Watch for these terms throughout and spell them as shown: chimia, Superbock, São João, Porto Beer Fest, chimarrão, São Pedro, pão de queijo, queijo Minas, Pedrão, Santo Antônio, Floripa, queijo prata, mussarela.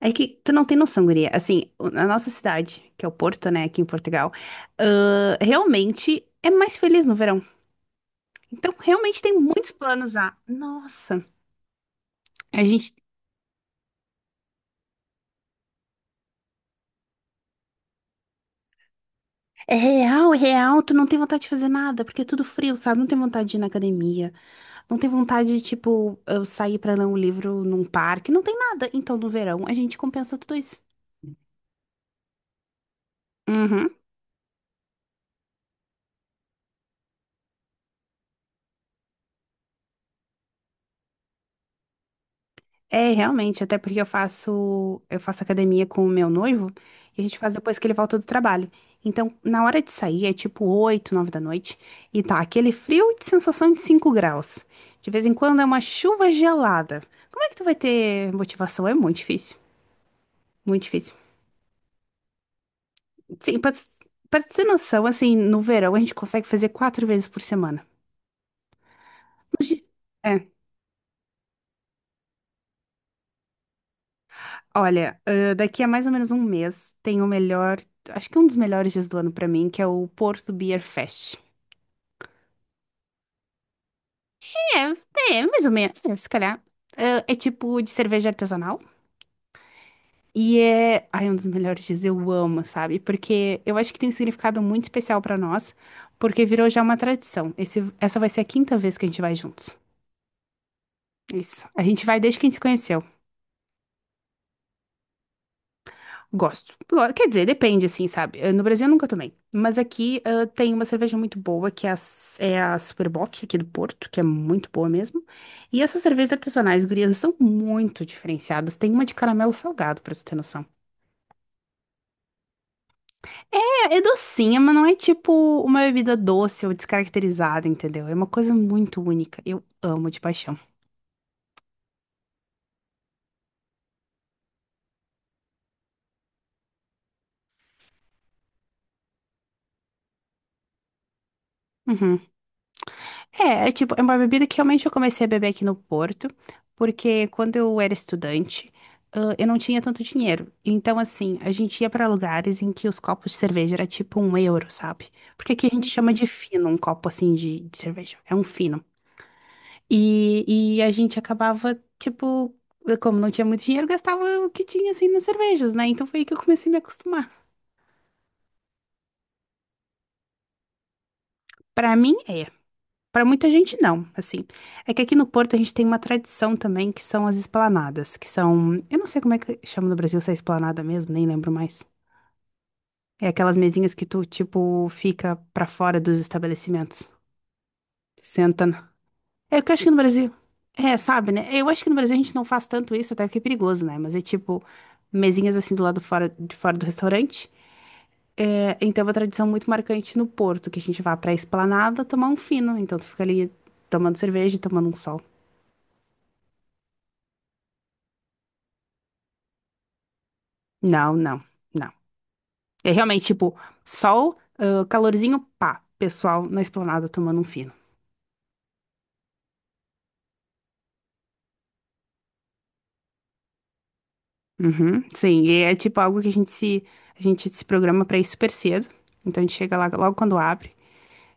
É que tu não tem noção, guria. Assim, a nossa cidade, que é o Porto, né, aqui em Portugal, realmente é mais feliz no verão. Então, realmente tem muitos planos já. Nossa, a gente. É real, é real. Tu não tem vontade de fazer nada, porque é tudo frio, sabe? Não tem vontade de ir na academia. Não tem vontade de, tipo, eu sair pra ler um livro num parque. Não tem nada. Então, no verão, a gente compensa tudo isso. Uhum. É, realmente, até porque eu faço academia com o meu noivo e a gente faz depois que ele volta do trabalho. Então, na hora de sair, é tipo 8 9 da noite e tá aquele frio de sensação de 5 graus. De vez em quando é uma chuva gelada. Como é que tu vai ter motivação? É muito difícil, muito difícil. Sim, pra ter noção, assim, no verão a gente consegue fazer 4 vezes por semana. Nos di- É. Olha, daqui a mais ou menos um mês tem o melhor, acho que um dos melhores dias do ano pra mim, que é o Porto Beer Fest. É, mais ou menos, é, se calhar. É, tipo de cerveja artesanal. E é, ai, um dos melhores dias, eu amo, sabe? Porque eu acho que tem um significado muito especial pra nós, porque virou já uma tradição. Esse, essa vai ser a quinta vez que a gente vai juntos. Isso. A gente vai desde que a gente se conheceu. Gosto. Quer dizer, depende, assim, sabe? No Brasil eu nunca tomei. Mas aqui tem uma cerveja muito boa, que é a Superbock, aqui do Porto, que é muito boa mesmo. E essas cervejas artesanais, gurias, são muito diferenciadas. Tem uma de caramelo salgado, pra tu ter noção. É, é docinha, mas não é tipo uma bebida doce ou descaracterizada, entendeu? É uma coisa muito única. Eu amo de paixão. Uhum. É, tipo, é uma bebida que realmente eu comecei a beber aqui no Porto, porque quando eu era estudante, eu não tinha tanto dinheiro. Então, assim, a gente ia pra lugares em que os copos de cerveja era tipo 1 euro, sabe? Porque aqui a gente chama de fino, um copo assim de cerveja. É um fino. E, a gente acabava, tipo, como não tinha muito dinheiro, gastava o que tinha assim nas cervejas, né? Então foi aí que eu comecei a me acostumar. Pra mim, é. Para muita gente, não, assim. É que aqui no Porto a gente tem uma tradição também, que são as esplanadas, que são. Eu não sei como é que chama no Brasil se é esplanada mesmo, nem lembro mais. É aquelas mesinhas que tu, tipo, fica pra fora dos estabelecimentos. Senta. É o que eu acho que no Brasil. É, sabe, né? Eu acho que no Brasil a gente não faz tanto isso, até porque é perigoso, né? Mas é tipo, mesinhas assim do lado fora, de fora do restaurante. É, então é uma tradição muito marcante no Porto, que a gente vá pra esplanada tomar um fino. Então tu fica ali tomando cerveja, e tomando um sol. Não, não, não. É realmente tipo sol, calorzinho, pá, pessoal na esplanada tomando um fino. Uhum, sim, e é tipo algo que a gente se programa pra ir super cedo. Então a gente chega lá logo quando abre,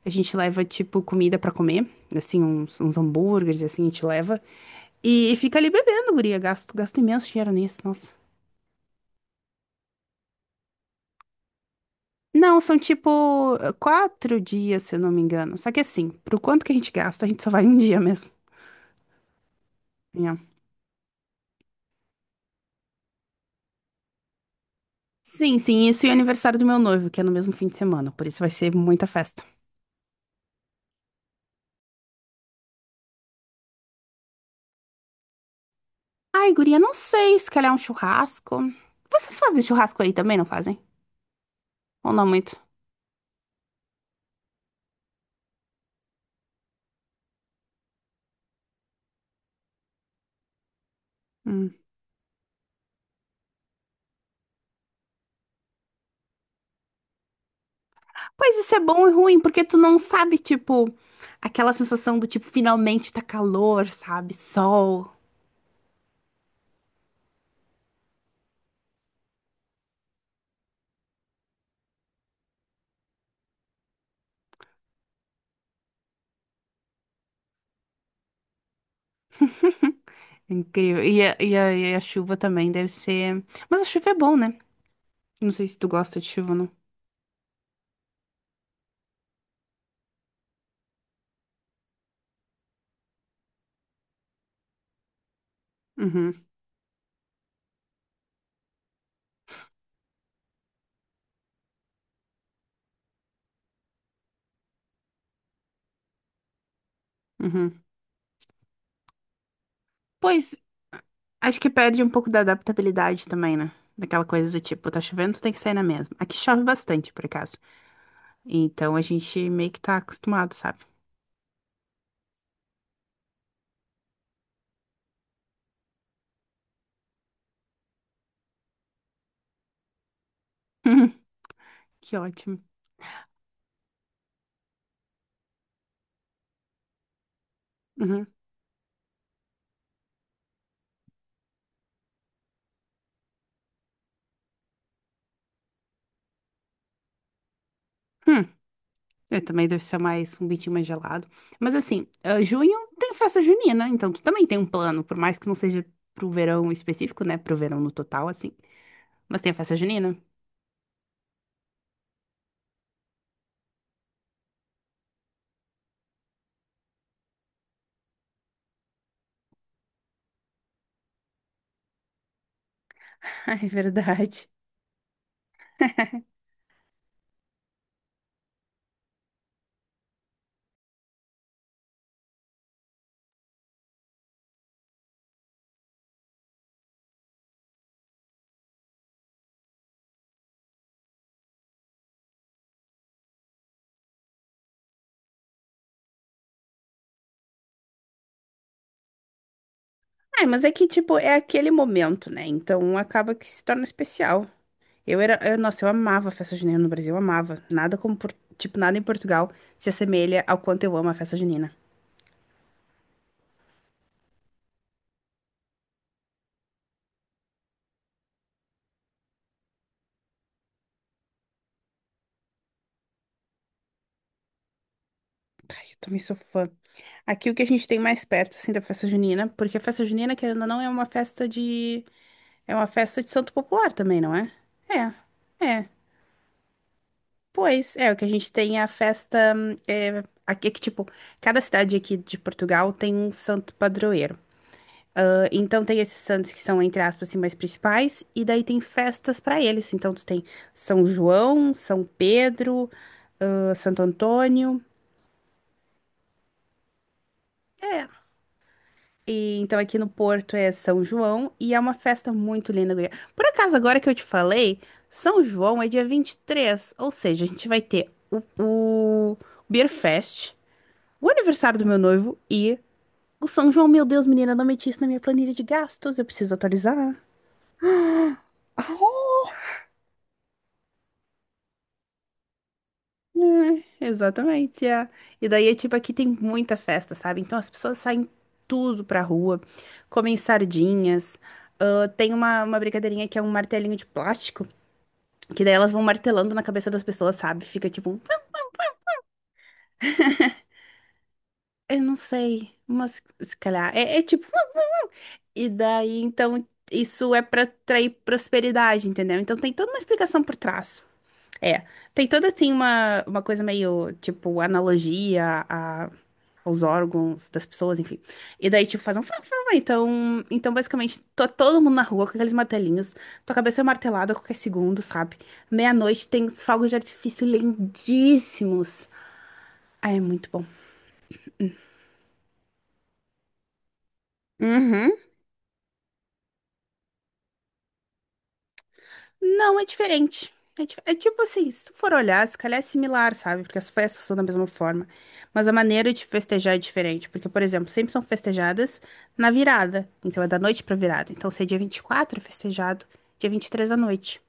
a gente leva tipo comida pra comer, assim uns, uns hambúrgueres assim, a gente leva e fica ali bebendo, guria, gasto imenso dinheiro nisso, nossa. Não, são tipo 4 dias, se eu não me engano. Só que assim, pro quanto que a gente gasta, a gente só vai um dia mesmo. Sim, sim, isso e o aniversário do meu noivo, que é no mesmo fim de semana, por isso vai ser muita festa. Ai, guria, não sei, se calhar um churrasco. Vocês fazem churrasco aí também, não fazem? Ou não muito? Hum. Pois isso é bom e ruim, porque tu não sabe, tipo, aquela sensação do tipo, finalmente tá calor, sabe? Sol. Incrível. E a chuva também deve ser. Mas a chuva é bom, né? Não sei se tu gosta de chuva ou não. Uhum, uhum. Pois acho que perde um pouco da adaptabilidade também, né? Daquela coisa do tipo, tá chovendo, tu tem que sair na mesma. Aqui chove bastante, por acaso. Então a gente meio que tá acostumado, sabe? Que ótimo. Uhum. Hum. É, também deve ser mais um bitinho mais gelado. Mas assim, junho tem festa junina, então tu também tem um plano, por mais que não seja pro verão específico, né? Pro verão no total, assim. Mas tem a festa junina. É verdade. Ah, mas é que, tipo, é aquele momento, né? Então acaba que se torna especial. Nossa, eu amava a festa junina no Brasil, eu amava. Nada como, tipo, nada em Portugal se assemelha ao quanto eu amo a festa junina. Ai, eu também sou fã. Aqui o que a gente tem mais perto, assim, da festa junina, porque a festa junina, querendo ou não, é uma festa de santo popular também, não é? É, é. Pois, é, o que a gente tem é a festa. É, aqui, é que, tipo, cada cidade aqui de Portugal tem um santo padroeiro. Então tem esses santos que são, entre aspas, assim, mais principais, e daí tem festas para eles. Então tu tem São João, São Pedro, Santo Antônio. É. E, então aqui no Porto é São João e é uma festa muito linda, guria. Por acaso, agora que eu te falei, São João é dia 23, ou seja, a gente vai ter o, Beer Fest, o aniversário do meu noivo e o São João. Meu Deus, menina, não meti isso na minha planilha de gastos, eu preciso atualizar. Ah, É, exatamente. É. E daí é tipo, aqui tem muita festa, sabe? Então as pessoas saem tudo pra rua, comem sardinhas. Tem uma brincadeirinha que é um martelinho de plástico, que daí elas vão martelando na cabeça das pessoas, sabe? Fica tipo, eu não sei, mas se calhar. É, tipo, e daí então isso é pra atrair prosperidade, entendeu? Então tem toda uma explicação por trás. É, tem toda assim uma coisa meio tipo analogia os órgãos das pessoas, enfim. E daí, tipo, faz um... fá, fá, fá. Então, basicamente, todo mundo na rua com aqueles martelinhos. Tua cabeça é martelada a qualquer segundo, sabe? Meia-noite tem os fogos de artifício lindíssimos. Ah, é muito bom. Uhum. Não, é diferente. É, é tipo assim, se tu for olhar, se calhar é similar, sabe? Porque as festas são da mesma forma. Mas a maneira de festejar é diferente. Porque, por exemplo, sempre são festejadas na virada. Então é da noite pra virada. Então se é dia 24, é festejado dia 23 da noite.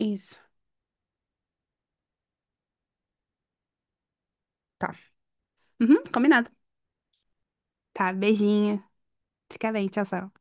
Isso. Tá. Uhum, combinado. Tá, beijinho. Fica bem, tchau, tchau.